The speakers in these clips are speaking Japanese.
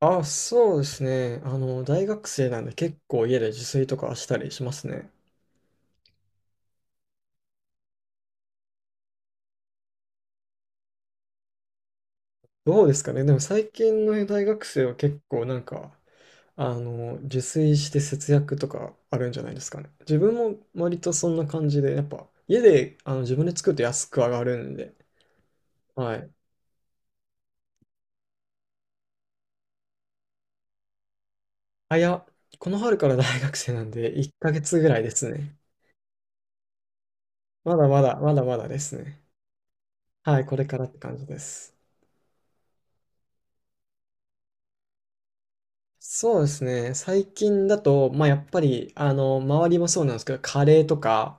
あ、そうですね。大学生なんで結構家で自炊とかしたりしますね。どうですかね。でも最近の大学生は結構なんか、自炊して節約とかあるんじゃないですかね。自分も割とそんな感じで、やっぱ家で自分で作ると安く上がるんで。はい。あ、いや、この春から大学生なんで1ヶ月ぐらいですね。まだまだ、まだまだですね。はい、これからって感じです。そうですね。最近だと、まあ、やっぱり、周りもそうなんですけど、カレーとか、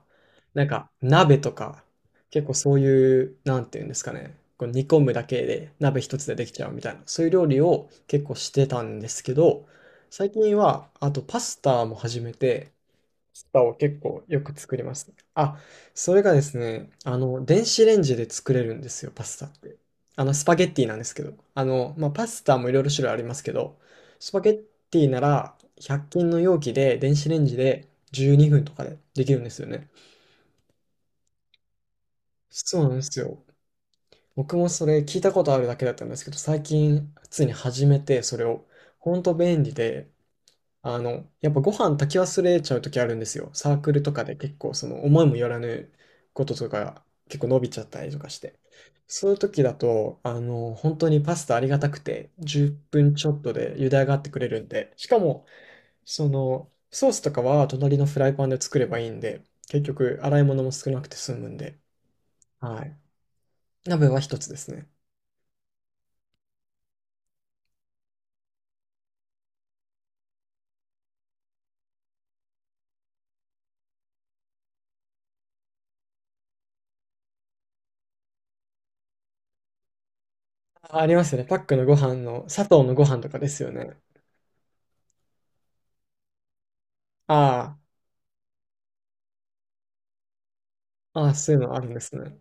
なんか、鍋とか、結構そういう、なんていうんですかね、こう煮込むだけで、鍋一つでできちゃうみたいな、そういう料理を結構してたんですけど、最近は、あとパスタも始めて、スパを結構よく作りますね。あ、それがですね、電子レンジで作れるんですよ、パスタって。スパゲッティなんですけど。まあ、パスタもいろいろ種類ありますけど、スパゲッティなら100均の容器で電子レンジで12分とかでできるんですよね。そうなんですよ。僕もそれ聞いたことあるだけだったんですけど、最近普通に始めて、それを、ほんと便利で、やっぱご飯炊き忘れちゃう時あるんですよ。サークルとかで結構その思いもよらぬこととか結構伸びちゃったりとかして。そういう時だと、本当にパスタありがたくて10分ちょっとで茹で上がってくれるんで、しかも、ソースとかは隣のフライパンで作ればいいんで、結局洗い物も少なくて済むんで、はい。鍋は一つですね。あ、ありますよね。パックのご飯の、砂糖のご飯とかですよね。ああ、ああ、そういうのあるんですね。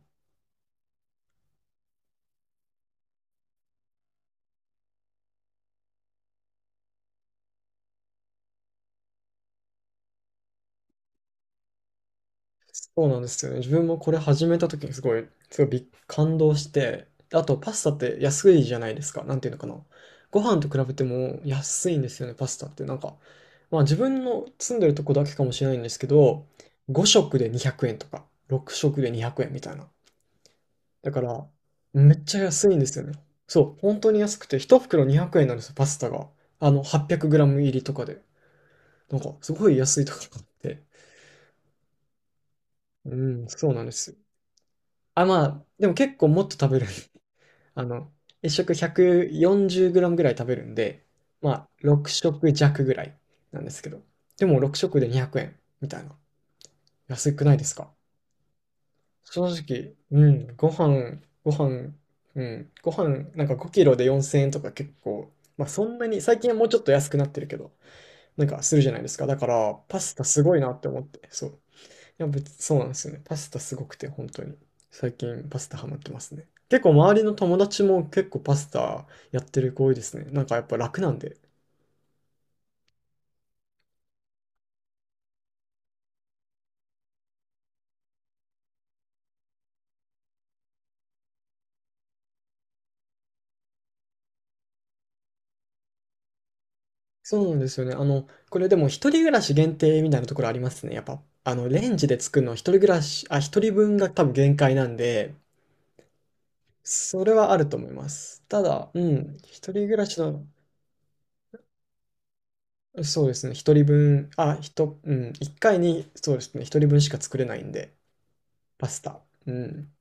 そうなんですよね。自分もこれ始めた時にすごい、すごいび感動して、あとパスタって安いじゃないですか。なんていうのかな。ご飯と比べても安いんですよね、パスタって。なんか、まあ自分の住んでるとこだけかもしれないんですけど、5食で200円とか、6食で200円みたいな。だから、めっちゃ安いんですよね。そう、本当に安くて、1袋200円なんですよ、パスタが。8 0 0ム入りとかで。なんか、すごい安いとかって。うん、そうなんですよ。あ、まあ、でも結構もっと食べる。あの、1食 140g ぐらい食べるんで、まあ、6食弱ぐらいなんですけど。でも6食で200円みたいな。安くないですか？正直、うん、ご飯、なんか5キロで4000円とか結構、まあそんなに、最近はもうちょっと安くなってるけど、なんかするじゃないですか。だから、パスタすごいなって思って、そう。や、別そうなんですよね。パスタすごくて、本当に。最近パスタハマってますね。結構周りの友達も結構パスタやってる子多いですね。なんかやっぱ楽なんで。そうなんですよね。これでも一人暮らし限定みたいなところありますね。やっぱ、レンジで作るのは一人暮らし、あ、一人分が多分限界なんで、それはあると思います。ただ、うん、一人暮らしの、そうですね、一人分、あ、一回に、そうですね、一人分しか作れないんで、パスタ。うん。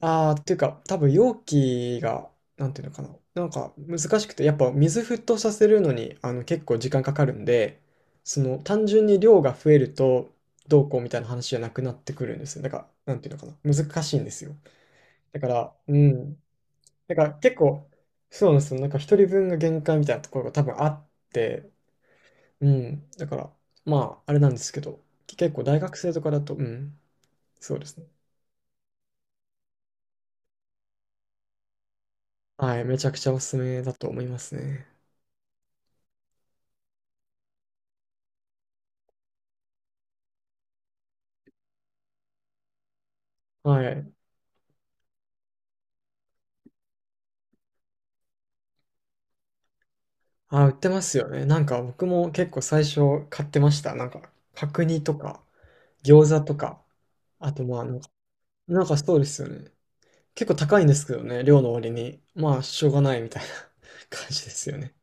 ああ、っていうか、多分容器が、なんていうのかな。なんか難しくて、やっぱ水沸騰させるのに、結構時間かかるんで、単純に量が増えると、どうこうみたいな話じゃなくなってくるんですよ。だから、なんていうのかな。難しいんですよ。だから、うん。だから結構、そうなんですよ。なんか一人分が限界みたいなところが多分あって、うん。だから、まあ、あれなんですけど、結構大学生とかだと、うん。そうですね。はい。めちゃくちゃおすすめだと思いますね。はい。あ、売ってますよね。なんか僕も結構最初買ってました。なんか角煮とか餃子とか、あとまあなんか、なんかそうですよね。結構高いんですけどね、量の割に。まあしょうがないみたいな 感じですよね。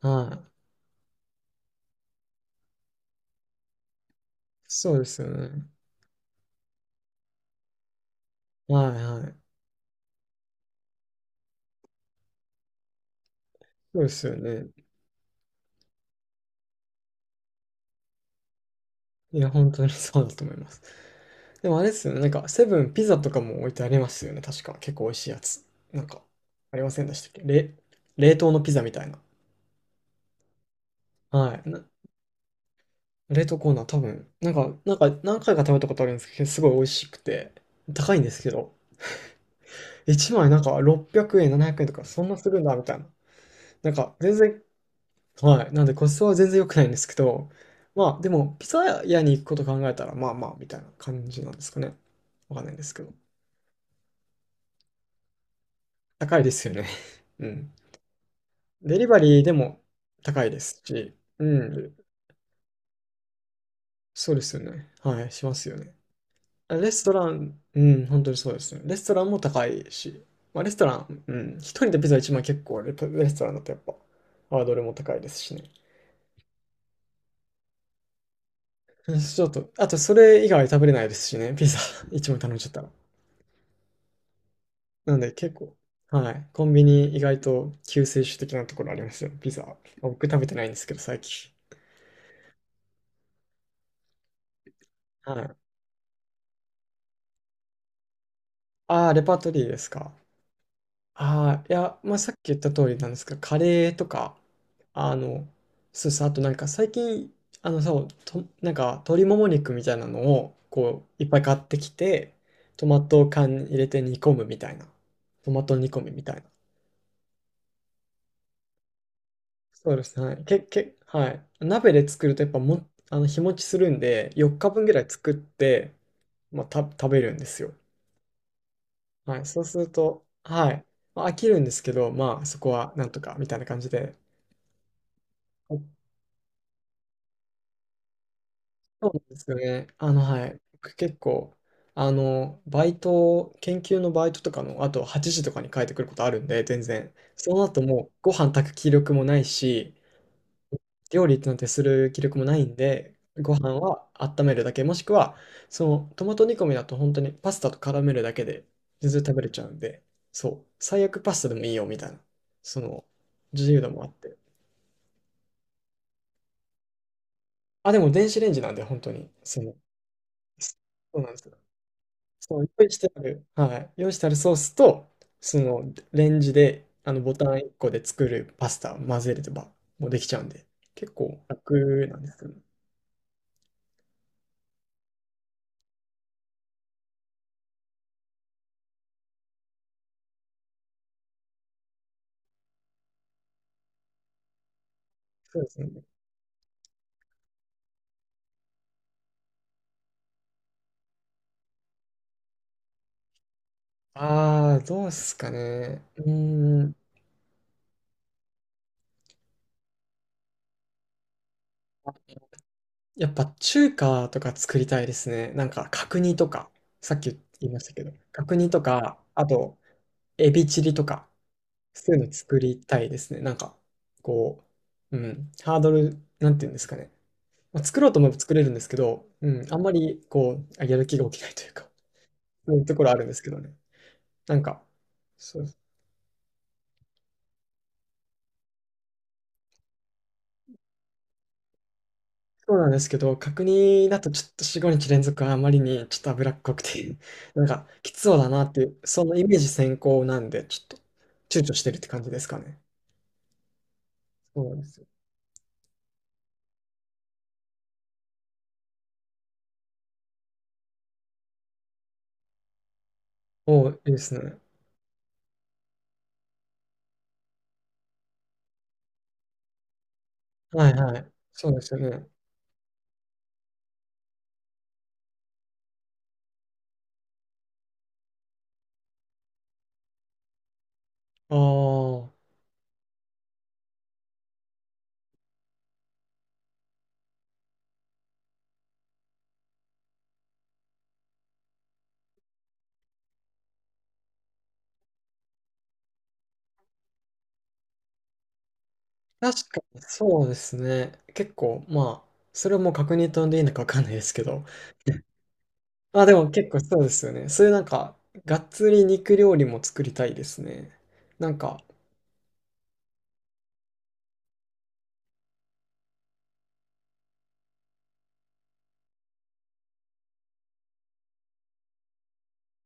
はい。そうですよね。はいはい。そうですよね。いや、本当にそうだと思います。でもあれですよね。なんかセブンピザとかも置いてありますよね。確か結構美味しいやつ。なんかありませんでしたっけれ冷凍のピザみたいな。はい。な冷凍コーナー多分、なんか何回か食べたことあるんですけど、すごい美味しくて、高いんですけど、1枚なんか600円、700円とか、そんなするんだ、みたいな。なんか、全然、はい。なんでコストは全然良くないんですけど、まあ、でも、ピザ屋に行くこと考えたら、まあまあ、みたいな感じなんですかね。わかんないんですけど。高いですよね。うん。デリバリーでも高いですし、うん。そうですよね。はい。しますよね。レストラン、うん、本当にそうですね。レストランも高いし、まあ、レストラン、うん、一人でピザ1万結構レストランだとやっぱ、ハードルも高いですしね。うんちょっと、あとそれ以外食べれないですしね、ピザ 1万頼んじゃったら。なんで結構、はい、コンビニ意外と救世主的なところありますよ、ピザ。僕食べてないんですけど、最近。はい。ああ、レパートリーですか。ああ、いや、まあ、さっき言った通りなんですけど、カレーとか、あの、そうです。あとなんか最近、そう、と、なんか鶏もも肉みたいなのを、いっぱい買ってきて、トマト缶に入れて煮込むみたいな。トマト煮込みみたいな。そうですね。はい。はい。鍋で作るとやっぱも、日持ちするんで、4日分ぐらい作って、まあ、食べるんですよ。はい。そうすると、はい。まあ、飽きるんですけど、まあ、そこはなんとか、みたいな感じで。そうなんですよね。はい。僕結構、バイト、研究のバイトとかの、あと8時とかに帰ってくることあるんで、全然。その後もう、ご飯炊く気力もないし、料理なんてする気力もないんで、ご飯は温めるだけ、もしくは、トマト煮込みだと本当にパスタと絡めるだけで、全然食べれちゃうんで、そう、最悪パスタでもいいよ、みたいな、その、自由度もあって。あ、でも電子レンジなんで、本当に、そうなんです。そう、用意してある、はい、用意してあるソースと、そのレンジであのボタン1個で作るパスタを混ぜればもうできちゃうんで、結構楽なんですけど、そうですね。ああ、どうですかね。うーん。やっぱ中華とか作りたいですね。なんか角煮とか、さっき言いましたけど、角煮とか、あと、エビチリとか、そういうの作りたいですね。なんか、こハードル、なんていうんですかね。まあ、作ろうと思えば作れるんですけど、うん、あんまりこう、あやる気が起きないというか、そういうところあるんですけどね。なんか、そうなんですけど、角煮だとちょっと4、5日連続はあまりにちょっと脂っこくて、なんかきつそうだなっていう、そのイメージ先行なんで、ちょっと躊躇してるって感じですかね。そうなんですよ。おーいいですね。はいはい。そうですよね。ああ、確かにそうですね。結構、まあ、それはもう確認とんでいいのかわかんないですけど、あ、でも結構そうですよね。そういうなんか、がっつり肉料理も作りたいですね。なんか、